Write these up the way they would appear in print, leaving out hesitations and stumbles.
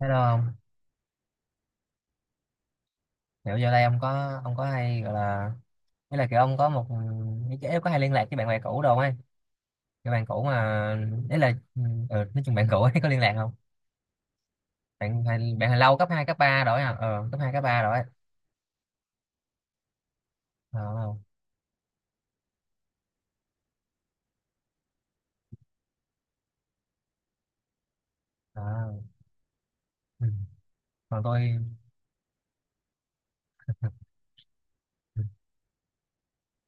Hello ông, kiểu giờ đây ông có hay gọi là nghĩa là kiểu ông có một ý là có hay liên lạc với bạn bè cũ đâu ấy, cái bạn cũ mà ừ, nói chung bạn cũ ấy có liên lạc không? Bạn hồi lâu cấp 2 cấp 3 rồi à, cấp 2 cấp 3 rồi ấy. Ờ, không? Đó. Ừ. Còn tôi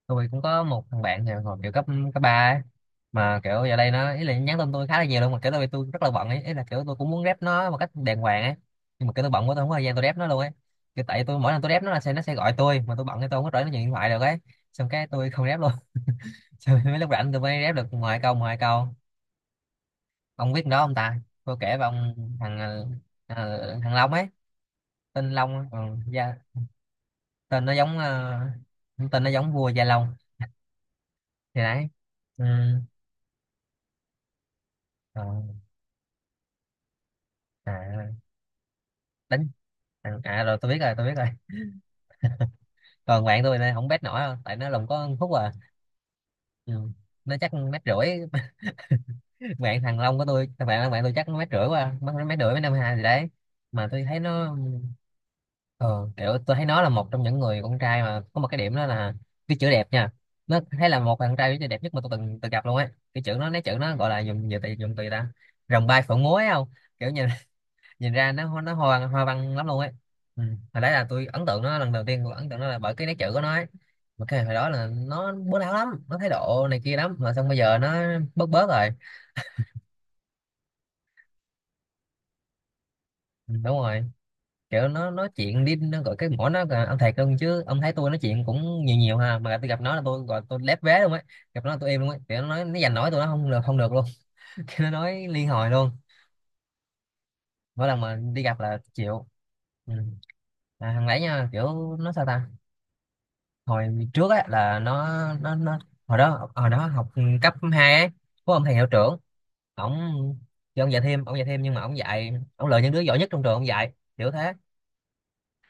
tôi cũng có một thằng bạn thì hồi kiểu cấp cấp ba ấy. Mà kiểu giờ đây nó ý là nhắn tin tôi khá là nhiều luôn, mà kiểu tôi rất là bận ấy, ý là kiểu tôi cũng muốn rep nó một cách đàng hoàng ấy, nhưng mà kiểu tôi bận quá, tôi không có thời gian tôi rep nó luôn ấy, kiểu tại tôi mỗi lần tôi rep nó là sẽ nó sẽ gọi tôi, mà tôi bận thì tôi không có rảnh nó nhận điện thoại được ấy, xong cái tôi không rep luôn. Xong mấy lúc rảnh tôi mới rep được ngoài câu ông biết con đó không ta, tôi kể với ông. thằng ờ, Thằng Long ấy, tên Long á. Ừ, Gia- tên nó giống tên nó giống vua Gia Long thì đấy. Ừ. ờ, à, đánh à, à rồi tôi biết rồi tôi biết rồi. Còn bạn tôi này không bet nổi đâu, tại nó lùng có hút à. Ừ. Nó chắc mét rưỡi. Bạn thằng Long của tôi, thằng bạn bạn tôi chắc nó mét rưỡi, qua mất mét rưỡi mấy năm hai gì đấy, mà tôi thấy nó ờ, kiểu tôi thấy nó là một trong những người con trai mà có một cái điểm đó là cái chữ đẹp nha. Nó thấy là một thằng trai với chữ đẹp nhất mà tôi từng từng gặp luôn á, cái chữ nó nói, chữ nó gọi là dùng dùng từ ta, rồng bay phượng múa ấy không, kiểu nhìn nhìn ra nó nó hoa văn lắm luôn ấy. Ừ. Hồi đấy là tôi ấn tượng nó, lần đầu tiên tôi ấn tượng nó là bởi cái nét chữ của nó ấy, mà cái hồi đó là nó bố láo lắm, nó thái độ này kia lắm, mà xong bây giờ nó bớt bớt rồi. Ừ, đúng rồi. Kiểu nó nói chuyện đi, nó gọi cái mỏ nó là ông thầy cưng chứ. Ông thấy tôi nói chuyện cũng nhiều nhiều ha, mà tôi gặp nó là tôi gọi tôi lép vế luôn ấy, gặp nó là tôi im luôn ấy, kiểu nó nói nó giành nổi tôi, nó không được luôn. Kiểu nó nói liên hồi luôn, mỗi lần mà đi gặp là chịu. Ừ. À, thằng đấy nha, kiểu nó sao ta, hồi trước á là nó hồi đó học cấp 2 á, có ông thầy hiệu trưởng, ổng thì ông dạy thêm nhưng mà ông dạy, ông lựa những đứa giỏi nhất trong trường ông dạy kiểu thế.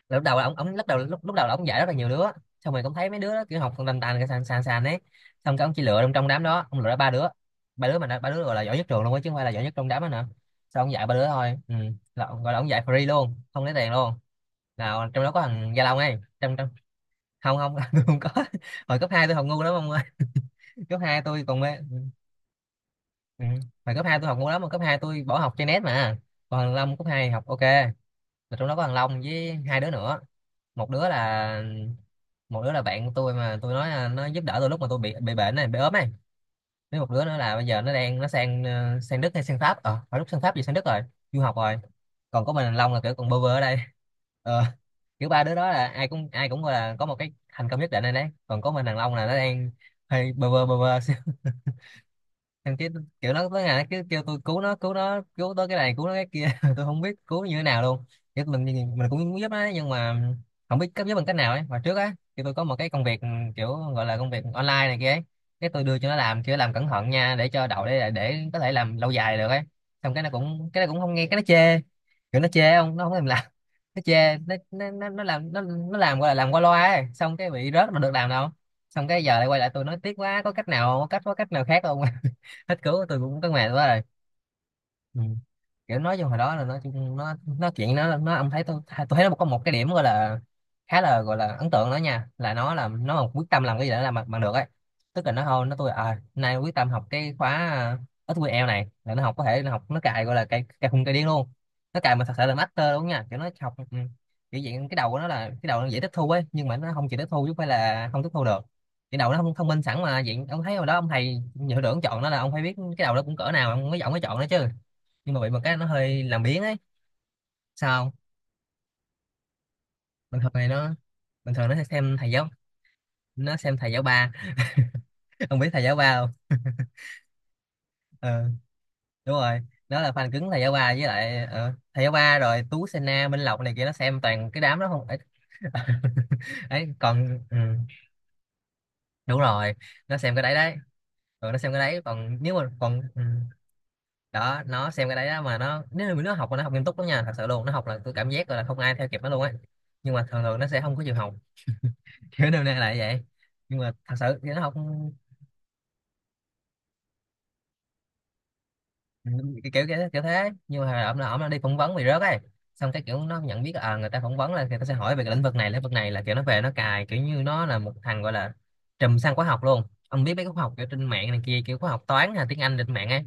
Là lúc đầu là ông lúc đầu là ông dạy rất là nhiều đứa, xong rồi ông thấy mấy đứa đó kiểu học còn tàn tàn, cái sàn sàn sàn ấy, xong cái ông chỉ lựa trong trong đám đó ông lựa ra ba đứa. Ba đứa gọi là giỏi nhất trường luôn á, chứ không phải là giỏi nhất trong đám đó nữa. Xong ông dạy ba đứa thôi. Ừ. Là, gọi là ông dạy free luôn, không lấy tiền luôn. Nào trong đó có thằng Gia Long ấy, trong không không. Tôi không có, hồi cấp 2 tôi học ngu lắm ông ơi. Cấp 2 tôi còn mê. Ừ. Hồi cấp 2 tôi học ngu lắm, mà cấp 2 tôi bỏ học chơi net mà. Còn thằng Long cấp 2 học ok. Là trong đó có thằng Long với hai đứa nữa, một đứa là một đứa là bạn của tôi mà tôi nói là nó giúp đỡ tôi lúc mà tôi bị bệnh này bị ốm này, với một đứa nữa là bây giờ nó đang nó sang sang Đức hay sang Pháp, phải lúc sang Pháp gì, sang Đức rồi, du học rồi. Còn có mình thằng Long là kiểu còn bơ vơ ở đây. Ờ, kiểu ba đứa đó là ai cũng là có một cái thành công nhất định rồi đấy, còn có mình thằng Long là nó đang hơi bơ vơ thằng kia. Kiểu nó tới ngày nó cứ kêu tôi cứu nó, cứu nó cứu tới cái này, cứu nó cái kia. Tôi không biết cứu như thế nào luôn, chứ mình cũng muốn giúp nó ấy, nhưng mà không biết cấp giúp bằng cách nào ấy. Mà trước á thì tôi có một cái công việc, kiểu gọi là công việc online này kia ấy, cái tôi đưa cho nó làm, kiểu làm cẩn thận nha, để cho đậu, để có thể làm lâu dài được ấy. Xong cái nó cũng không nghe, cái nó chê, kiểu nó chê không, nó không thèm làm. Nó chê, nó làm gọi là làm qua loa ấy, xong cái bị rớt mà được làm đâu. Xong cái giờ lại quay lại tôi nói tiếc quá, có cách nào, có cách nào khác không. Hết cứu, tôi cũng có mệt quá rồi. Ừ. Kiểu nói chung hồi đó là nó chuyện nó ông thấy tôi thấy nó có một cái điểm gọi là khá là gọi là ấn tượng đó nha, là nó làm nó còn quyết tâm làm cái gì để làm bằng được ấy. Tức là nó thôi nó tôi à nay quyết tâm học cái khóa SQL này, là nó học có thể nó học, nó cài gọi là cài cài khùng cài điên luôn, nó cài mà thật sự là master luôn nha, kiểu nó học. Ừ. Kiểu vậy, cái đầu của nó là cái đầu nó dễ tiếp thu ấy, nhưng mà nó không chịu tiếp thu chứ không phải là không tiếp thu được. Cái đầu nó không thông minh sẵn mà vậy, ông thấy hồi đó ông thầy hiệu trưởng chọn nó là ông phải biết cái đầu đó cũng cỡ nào ông mới giọng mới chọn nó chứ, nhưng mà bị một cái nó hơi làm biếng ấy. Sao không? bình thường này nó Bình thường nó sẽ xem thầy giáo, nó xem thầy giáo ba. Ông biết thầy giáo ba không? Ờ, đúng rồi, nó là fan cứng thầy giáo ba, với lại thầy giáo ba rồi Tú Sena Minh Lộc này kia, nó xem toàn cái đám đó không ấy. Ấy còn đúng rồi, nó xem cái đấy đấy, rồi nó xem cái đấy. Còn nếu mà còn ừ. Đó nó xem cái đấy đó. Mà nó, nếu mà nó học, mà nó học nghiêm túc lắm nha, thật sự luôn, nó học là tôi cảm giác là không ai theo kịp nó luôn á, nhưng mà thường thường nó sẽ không có chịu học. Kiểu năm nay lại vậy, nhưng mà thật sự thì nó học. Ừ, cái kiểu kiểu, kiểu thế, nhưng mà ổng là đi phỏng vấn bị rớt ấy, xong cái kiểu nó nhận biết là, à, người ta phỏng vấn là người ta sẽ hỏi về cái lĩnh vực này là kiểu nó về nó cài, kiểu như nó là một thằng gọi là trùm sang khóa học luôn. Ông biết mấy cái khóa học kiểu trên mạng này kia, kiểu khóa học toán hay tiếng Anh trên mạng ấy,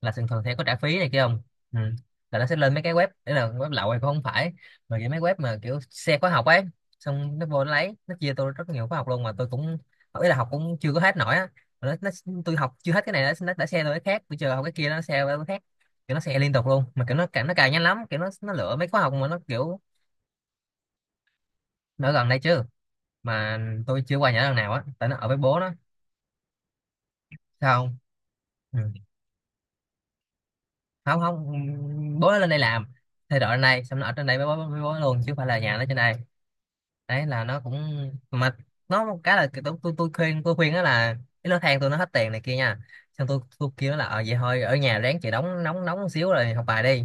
là thường thường sẽ có trả phí này kia không. Ừ. Là nó sẽ lên mấy cái web đấy, là web lậu hay cũng không phải, mà kiểu mấy web mà kiểu xe khóa học ấy, xong nó vô nó lấy nó chia tôi rất nhiều khóa học luôn, mà tôi cũng ý là học cũng chưa có hết nổi á, mà nó tôi học chưa hết cái này nó đã xe tôi cái khác, tôi chờ học cái kia nó xe tôi cái khác, kiểu nó xe liên tục luôn, mà kiểu nó cảm nó cài nhanh lắm, kiểu nó lựa mấy khóa học mà nó kiểu nó ở gần đây chứ, mà tôi chưa qua nhà nó lần nào á, tại nó ở với bố nó. Sao không? Ừ. Không, không. Bố nó lên đây làm, thay đổi lên đây, xong nó ở trên đây với bố nó luôn chứ không phải là nhà nó trên đây. Đấy là nó cũng, mà nó một cái là tôi khuyên đó là cái lô than tôi, nó hết tiền này kia nha. Xong tôi kêu nó là vậy thôi ở nhà ráng chịu đóng, nóng nóng một xíu rồi học bài đi,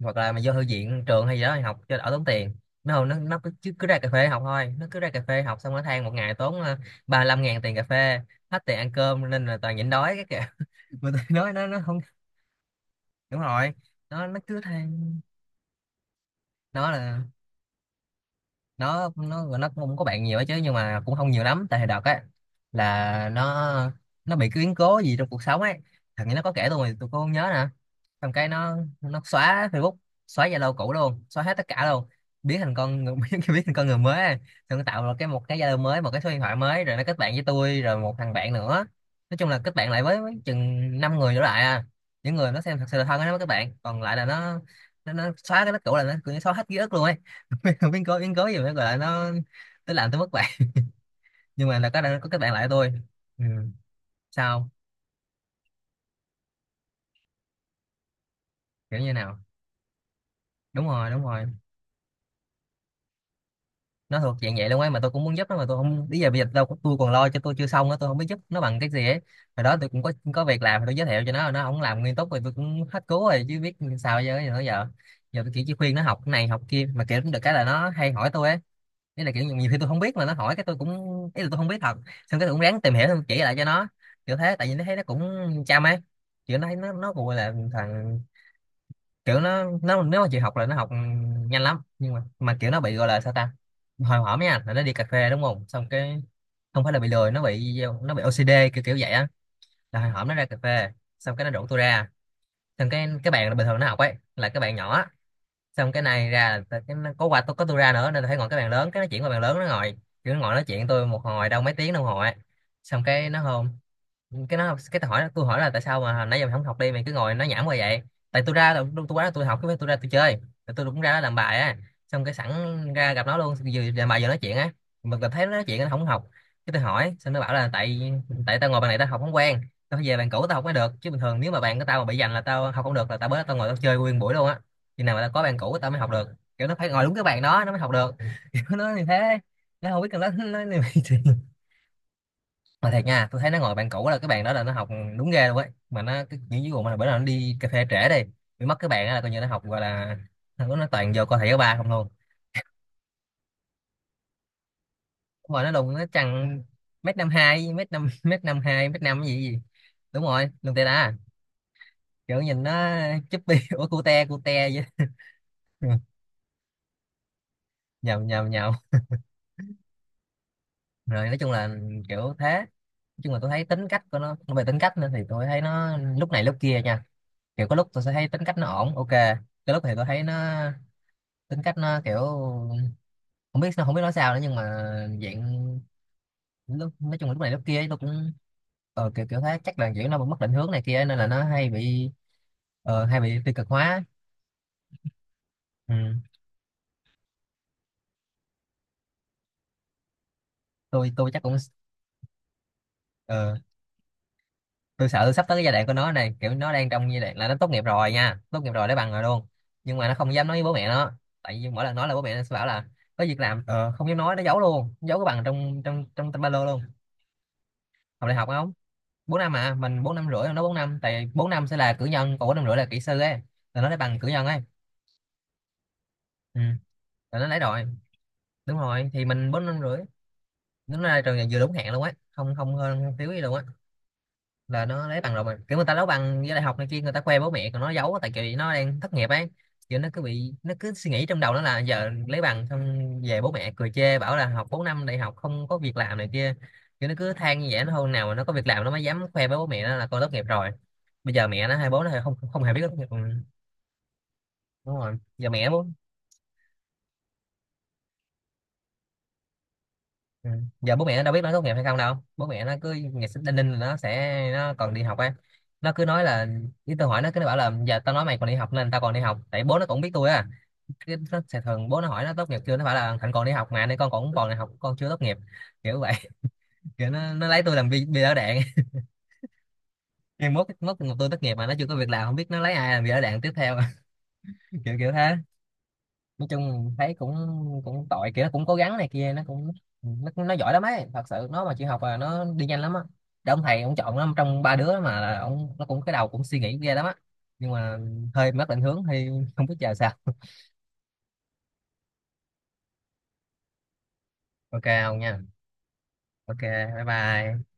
hoặc là mà vô thư viện trường hay gì đó thì học cho đỡ tốn tiền. Nó không, nó chứ cứ ra cà phê học thôi, nó cứ ra cà phê học, xong nó than một ngày tốn 35.000 tiền cà phê, hết tiền ăn cơm nên là toàn nhịn đói cái kìa. Mà tôi nói nó không đúng rồi. Nó cứ than, đó là nó cũng không có bạn nhiều ấy chứ, nhưng mà cũng không nhiều lắm, tại hồi đợt á là nó, bị cái biến cố gì trong cuộc sống ấy. Thằng ấy nó có kể tôi mà tôi cũng không nhớ nè. Xong cái nó xóa Facebook, xóa Zalo cũ luôn, xóa hết tất cả luôn, biến thành con người biến thành con người mới á. Xong nó tạo ra cái, một cái Zalo mới, một cái số điện thoại mới, rồi nó kết bạn với tôi rồi một thằng bạn nữa. Nói chung là kết bạn lại với chừng năm người trở lại à, những người nó xem thật sự là thân á, nó mới kết bạn, còn lại là nó, nó xóa cái đó cũ, là nó cứ xóa hết ký ức luôn ấy. Không biến cố gì nữa gọi là nó làm tôi mất bạn, nhưng mà là có kết bạn lại với tôi. Ừ. Sao? Kiểu như nào? Đúng rồi, đúng rồi. Nó thuộc dạng vậy luôn ấy, mà tôi cũng muốn giúp nó mà tôi không, bây giờ tôi còn lo cho tôi chưa xong á, tôi không biết giúp nó bằng cái gì ấy. Hồi đó tôi cũng có việc làm tôi giới thiệu cho nó không làm nghiêm túc, rồi tôi cũng hết cứu rồi chứ biết sao giờ. Giờ tôi kiểu chỉ khuyên nó học cái này, học kia, mà kiểu cũng được cái là nó hay hỏi tôi ấy. Ý là kiểu nhiều khi tôi không biết mà nó hỏi cái tôi cũng, ý là tôi không biết thật, xong cái tôi cũng ráng tìm hiểu xong chỉ lại cho nó, kiểu thế, tại vì nó thấy nó cũng chăm ấy. Kiểu nó thấy nó gọi là thằng, kiểu nó nếu mà chịu học là nó học nhanh lắm, nhưng mà kiểu nó bị gọi là sao ta. Hồi hổm nha, là nó đi cà phê đúng không, xong cái không phải là bị lười, nó bị OCD kiểu kiểu vậy á. Là hồi hổm nó ra cà phê, xong cái nó rủ tôi ra, xong cái bạn bình thường nó học ấy là cái bạn nhỏ. Xong cái này ra là có quà, tôi ra nữa nên là phải ngồi cái bàn lớn, cái nó chuyển qua bàn lớn nó ngồi. Kiểu nó ngồi nói chuyện tôi một hồi, đâu mấy tiếng đồng hồ ấy. Xong cái nó hôn, cái nó, cái tôi hỏi là tại sao mà hồi nãy giờ mày không học đi, mày cứ ngồi nói nhảm qua vậy. Tại tôi tôi quá là tôi học cái tôi ra tôi chơi, tại tôi cũng ra đó làm bài á, xong cái sẵn ra gặp nó luôn, vừa làm bài vừa nói chuyện á. Mình thấy nó nói chuyện, nó không học, cái tôi hỏi, xong nó bảo là tại tại tao ngồi bàn này tao học không quen, tao phải về bàn cũ tao học mới được. Chứ bình thường nếu mà bàn của tao mà bị giành là tao học không được, là tao bớt, tao ngồi tao chơi nguyên buổi luôn á, khi nào mà tao có bạn cũ tao mới học được. Kiểu nó phải ngồi đúng cái bàn đó nó mới học được kiểu nó như thế, nó không biết là nó như vậy mà thiệt nha, tôi thấy nó ngồi bạn cũ là cái bàn đó là nó học đúng ghê luôn ấy, mà nó cái những cái vụ mà bữa nào nó đi cà phê trễ đi, bị mất cái bàn đó là coi như nó học gọi là, nó toàn vô coi thầy giáo ba không luôn. Đúng rồi, nó đùng nó chằng, mét năm hai, mét năm, mét năm hai, mét năm gì gì, đúng rồi luôn, tê đá à. Kiểu nhìn nó chúp bi ủa cute cute vậy. Nhầm, nhầm, nhầm. Rồi, nói chung là kiểu thế. Nói chung là tôi thấy tính cách của nó, về tính cách nữa thì tôi thấy nó lúc này lúc kia nha. Kiểu có lúc tôi sẽ thấy tính cách nó ổn, ok, cái lúc thì tôi thấy nó, tính cách nó kiểu không biết, không biết nói sao nữa, nhưng mà dạng, lúc, nói chung là lúc này lúc kia ấy, tôi cũng kiểu kiểu thấy chắc là kiểu nó mất định hướng này kia nên là nó hay bị hay bị tiêu cực hóa. Ừ. tôi chắc cũng ờ, tôi sợ sắp tới cái giai đoạn của nó này, kiểu nó đang trong giai đoạn là nó tốt nghiệp rồi nha, tốt nghiệp rồi lấy bằng rồi luôn, nhưng mà nó không dám nói với bố mẹ nó, tại vì mỗi lần nói là bố mẹ nó sẽ bảo là có việc làm. Ờ, không dám nói, nó giấu luôn, giấu cái bằng trong trong trong ba lô luôn. Học đại học không? 4 năm à, mình 4 năm rưỡi, nó 4 năm, tại bốn năm sẽ là cử nhân, còn 4 năm rưỡi là kỹ sư ấy, là nó lấy bằng cử nhân ấy. Ừ. Là nó lấy rồi. Đúng rồi, thì mình 4 năm rưỡi. Nó ra trường là vừa đúng hẹn luôn á, không không hơn không thiếu gì luôn á. Là nó lấy bằng rồi, mà kiểu người ta lấy bằng với đại học này kia người ta khoe bố mẹ, còn nó giấu tại vì nó đang thất nghiệp ấy. Kiểu nó cứ bị, nó cứ suy nghĩ trong đầu nó là giờ lấy bằng xong về bố mẹ cười chê bảo là học 4 năm đại học không có việc làm này kia. Kiểu nó cứ than như vậy, nó hôm nào mà nó có việc làm nó mới dám khoe với bố mẹ nó là con tốt nghiệp rồi. Bây giờ mẹ nó hay bố nó không không hề biết tốt nghiệp. Ừ, đúng rồi, giờ mẹ bố. Ừ. Giờ bố mẹ nó đâu biết nó tốt nghiệp hay không đâu, bố mẹ nó cứ ngày sinh đinh ninh là nó còn đi học á. Nó cứ nói là, cái tôi hỏi, nó cứ nó bảo là giờ tao nói mày còn đi học nên tao còn đi học, tại bố nó cũng biết tôi á, cái nó sẽ thường bố nó hỏi nó tốt nghiệp chưa, nó phải là thằng còn đi học mà nên con cũng còn đi học, con chưa tốt nghiệp, kiểu vậy. Kiểu nó lấy tôi làm bi bi đỡ đạn, nhưng mốt mốt tôi tốt nghiệp mà nó chưa có việc làm không biết nó lấy ai làm bi đỡ đạn tiếp theo. kiểu kiểu thế, nói chung thấy cũng cũng tội, kiểu nó cũng cố gắng này kia, nó cũng, nó giỏi lắm ấy, thật sự nó mà chịu học là nó đi nhanh lắm á. Để ông thầy ông chọn nó trong ba đứa mà, là ông, nó cũng, cái đầu cũng suy nghĩ ghê lắm á, nhưng mà hơi mất định hướng thì không biết chờ sao. Ok ông nha. Ok, bye bye.